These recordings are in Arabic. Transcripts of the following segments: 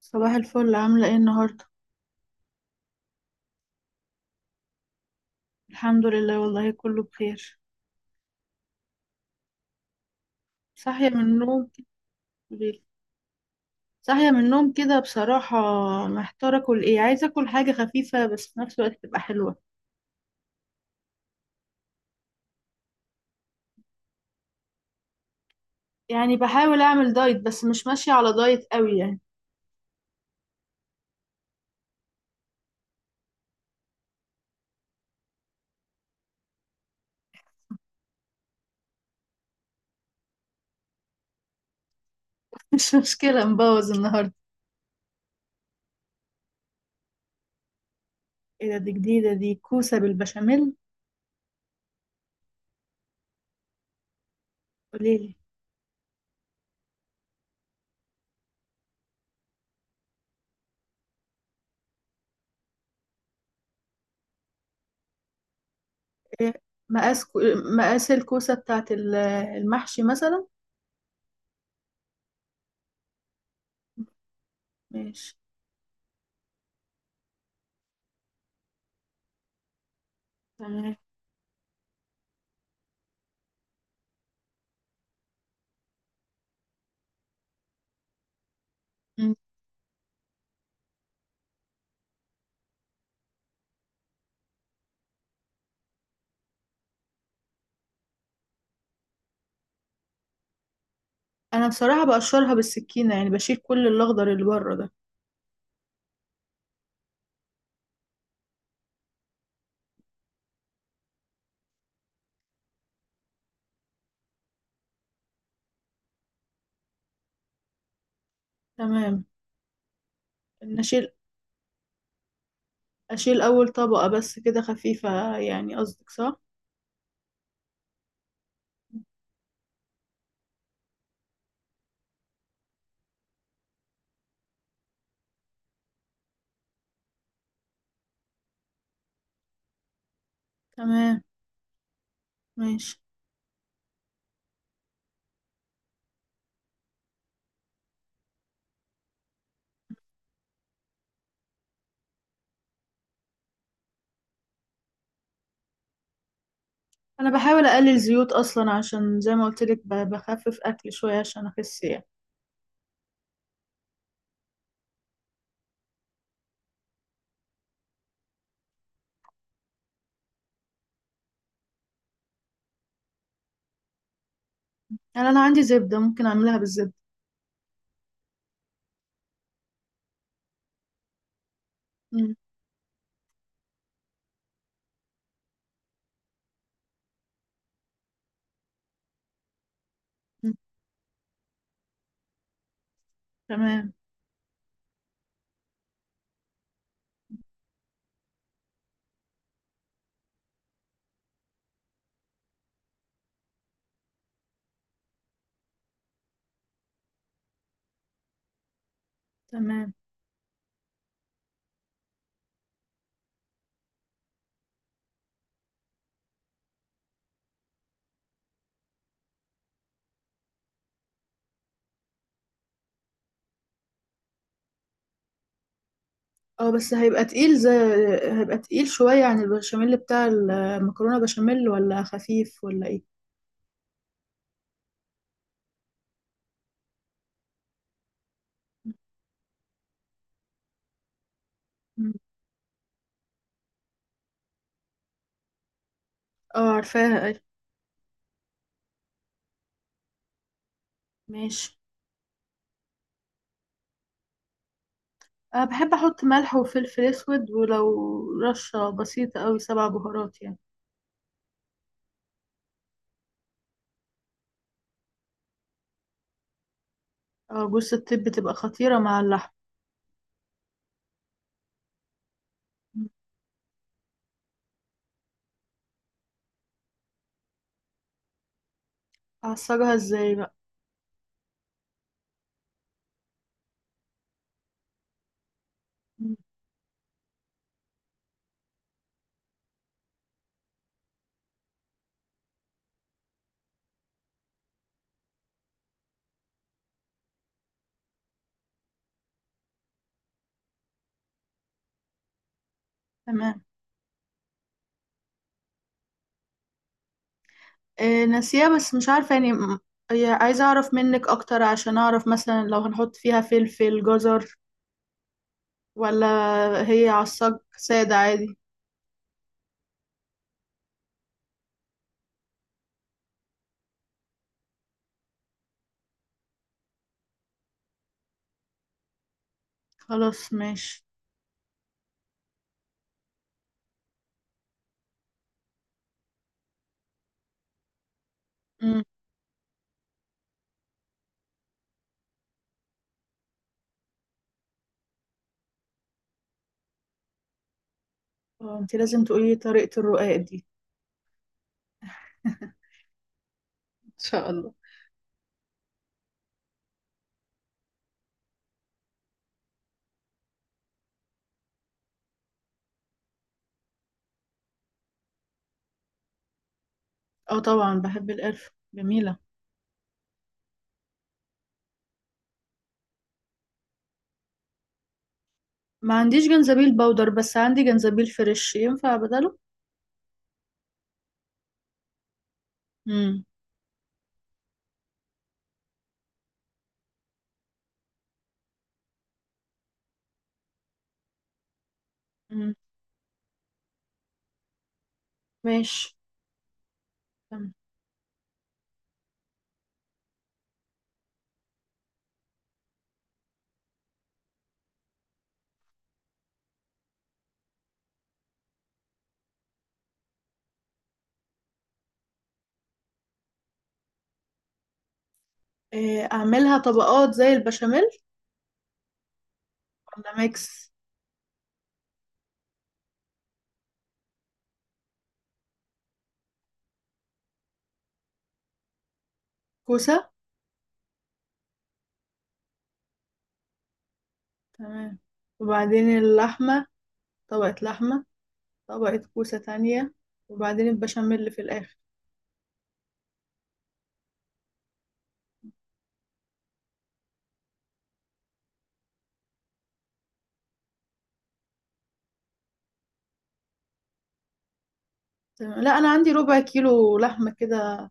صباح الفل، عاملة ايه النهاردة؟ الحمد لله، والله كله بخير. صاحية من النوم. ك- صاحية من النوم كده بصراحة. محتارة اكل ايه، عايزة اكل حاجة خفيفة بس في نفس الوقت تبقى حلوة. يعني بحاول اعمل دايت بس مش ماشية على دايت قوي يعني. مش مشكلة، مبوظ النهاردة. ايه ده؟ دي جديدة، دي كوسة بالبشاميل؟ قوليلي. إيه، مقاس مقاس الكوسة بتاعت المحشي مثلا. ماشي. تمام. مم. انا بصراحة بقشرها بالسكينة، يعني بشيل كل الاخضر اللي بره ده. تمام. إن أشيل أول طبقة بس كده خفيفة، يعني قصدك صح؟ تمام. ماشي. أنا بحاول أقلل زيوت أصلا، عشان زي ما قلتلك بخفف أكل شوية عشان أخس يعني. يعني أنا عندي زبدة، ممكن أعملها بالزبدة. مم. مم. تمام. تمام. اه، بس هيبقى تقيل شوية عن البشاميل بتاع المكرونة. بشاميل ولا خفيف ولا ايه؟ مم. اه عارفاها اي. ماشي. أه، بحب أحط ملح وفلفل أسود، ولو رشة بسيطة أوي سبع بهارات يعني. أه، جوز الطيب بتبقى خطيرة مع اللحم. أعصجها إزاي بقى؟ مم. تمام. أه ناسيها، بس مش عارفة يعني هي عايزة أعرف منك أكتر عشان أعرف مثلا لو هنحط فيها فلفل، جزر، ولا هي عصاج سادة عادي. خلاص ماشي. مم. آه، انتي لازم تقولي طريقة الرقاق دي. إن شاء الله. اه طبعا بحب القرفة، جميلة. ما عنديش جنزبيل باودر، بس عندي جنزبيل فريش، ينفع بدله؟ امم. امم. ماشي. تمام. إيه، اعملها طبقات زي البشاميل، ولا ميكس؟ كوسة. تمام. وبعدين اللحمة، طبقة لحمة. طبقة كوسة تانية. وبعدين البشاميل اللي في الآخر. تمام. لا، أنا عندي ربع كيلو لحمة كده،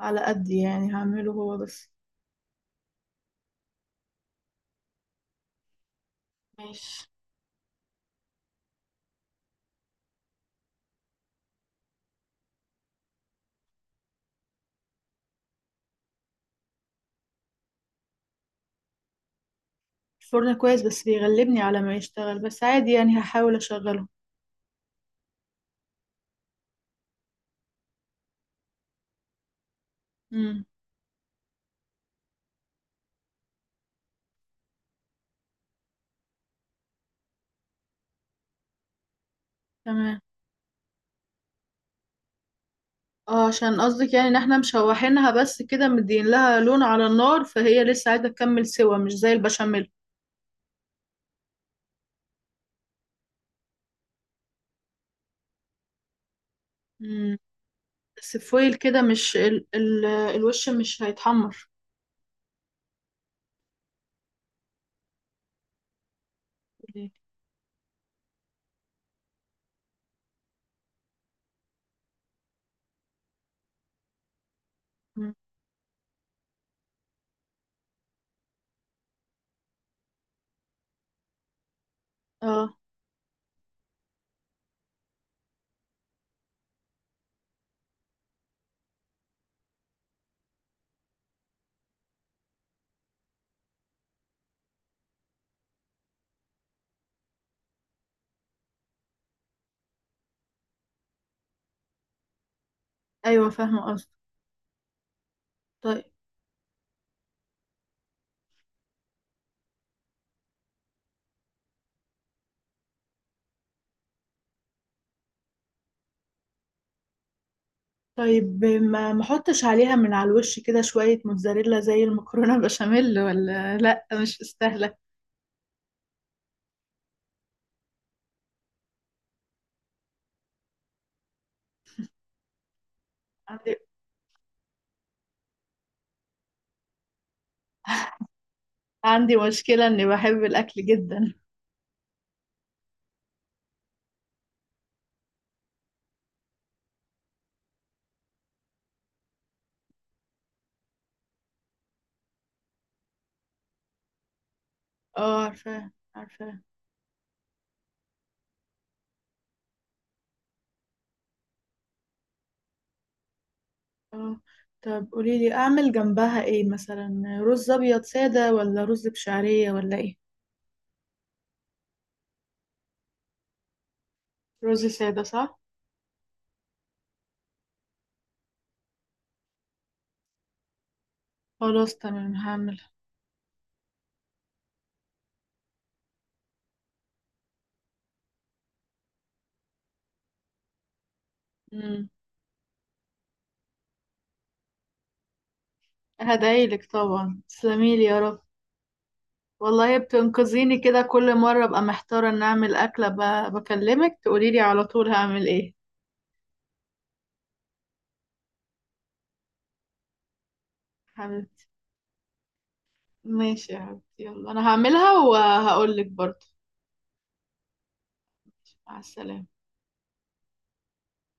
على قد يعني هعمله هو بس. ماشي. الفرن كويس، بس بيغلبني على ما يشتغل، بس عادي يعني، هحاول أشغله. امم. تمام. اه، عشان قصدك يعني ان احنا مشوحينها بس كده، مدين لها لون على النار، فهي لسه عايزه تكمل سوا، مش زي البشاميل. امم. بس فويل كده، مش ال الوش مش هيتحمر. امم. اه، ايوه فاهمه قصدي. طيب. طيب، ما احطش عليها من على الوش كده شويه موتزاريلا زي المكرونه، بشاميل، ولا لا، مش مستاهله؟ عندي عندي مشكله اني بحب الاكل جدا. اه عارفه عارفه. اه، طب قولي لي اعمل جنبها ايه، مثلا رز ابيض ساده، ولا رز بشعريه، ولا ايه؟ رز سادة صح؟ خلاص تمام هعملها. امم. هدعيلك طبعا، تسلميلي يا رب. والله بتنقذيني كده كل مرة، ابقى محتارة ان اعمل اكلة بكلمك تقوليلي على طول هعمل ايه. حبيبتي. ماشي يا حبيبتي، يلا انا هعملها وهقولك برضه. مع السلامة.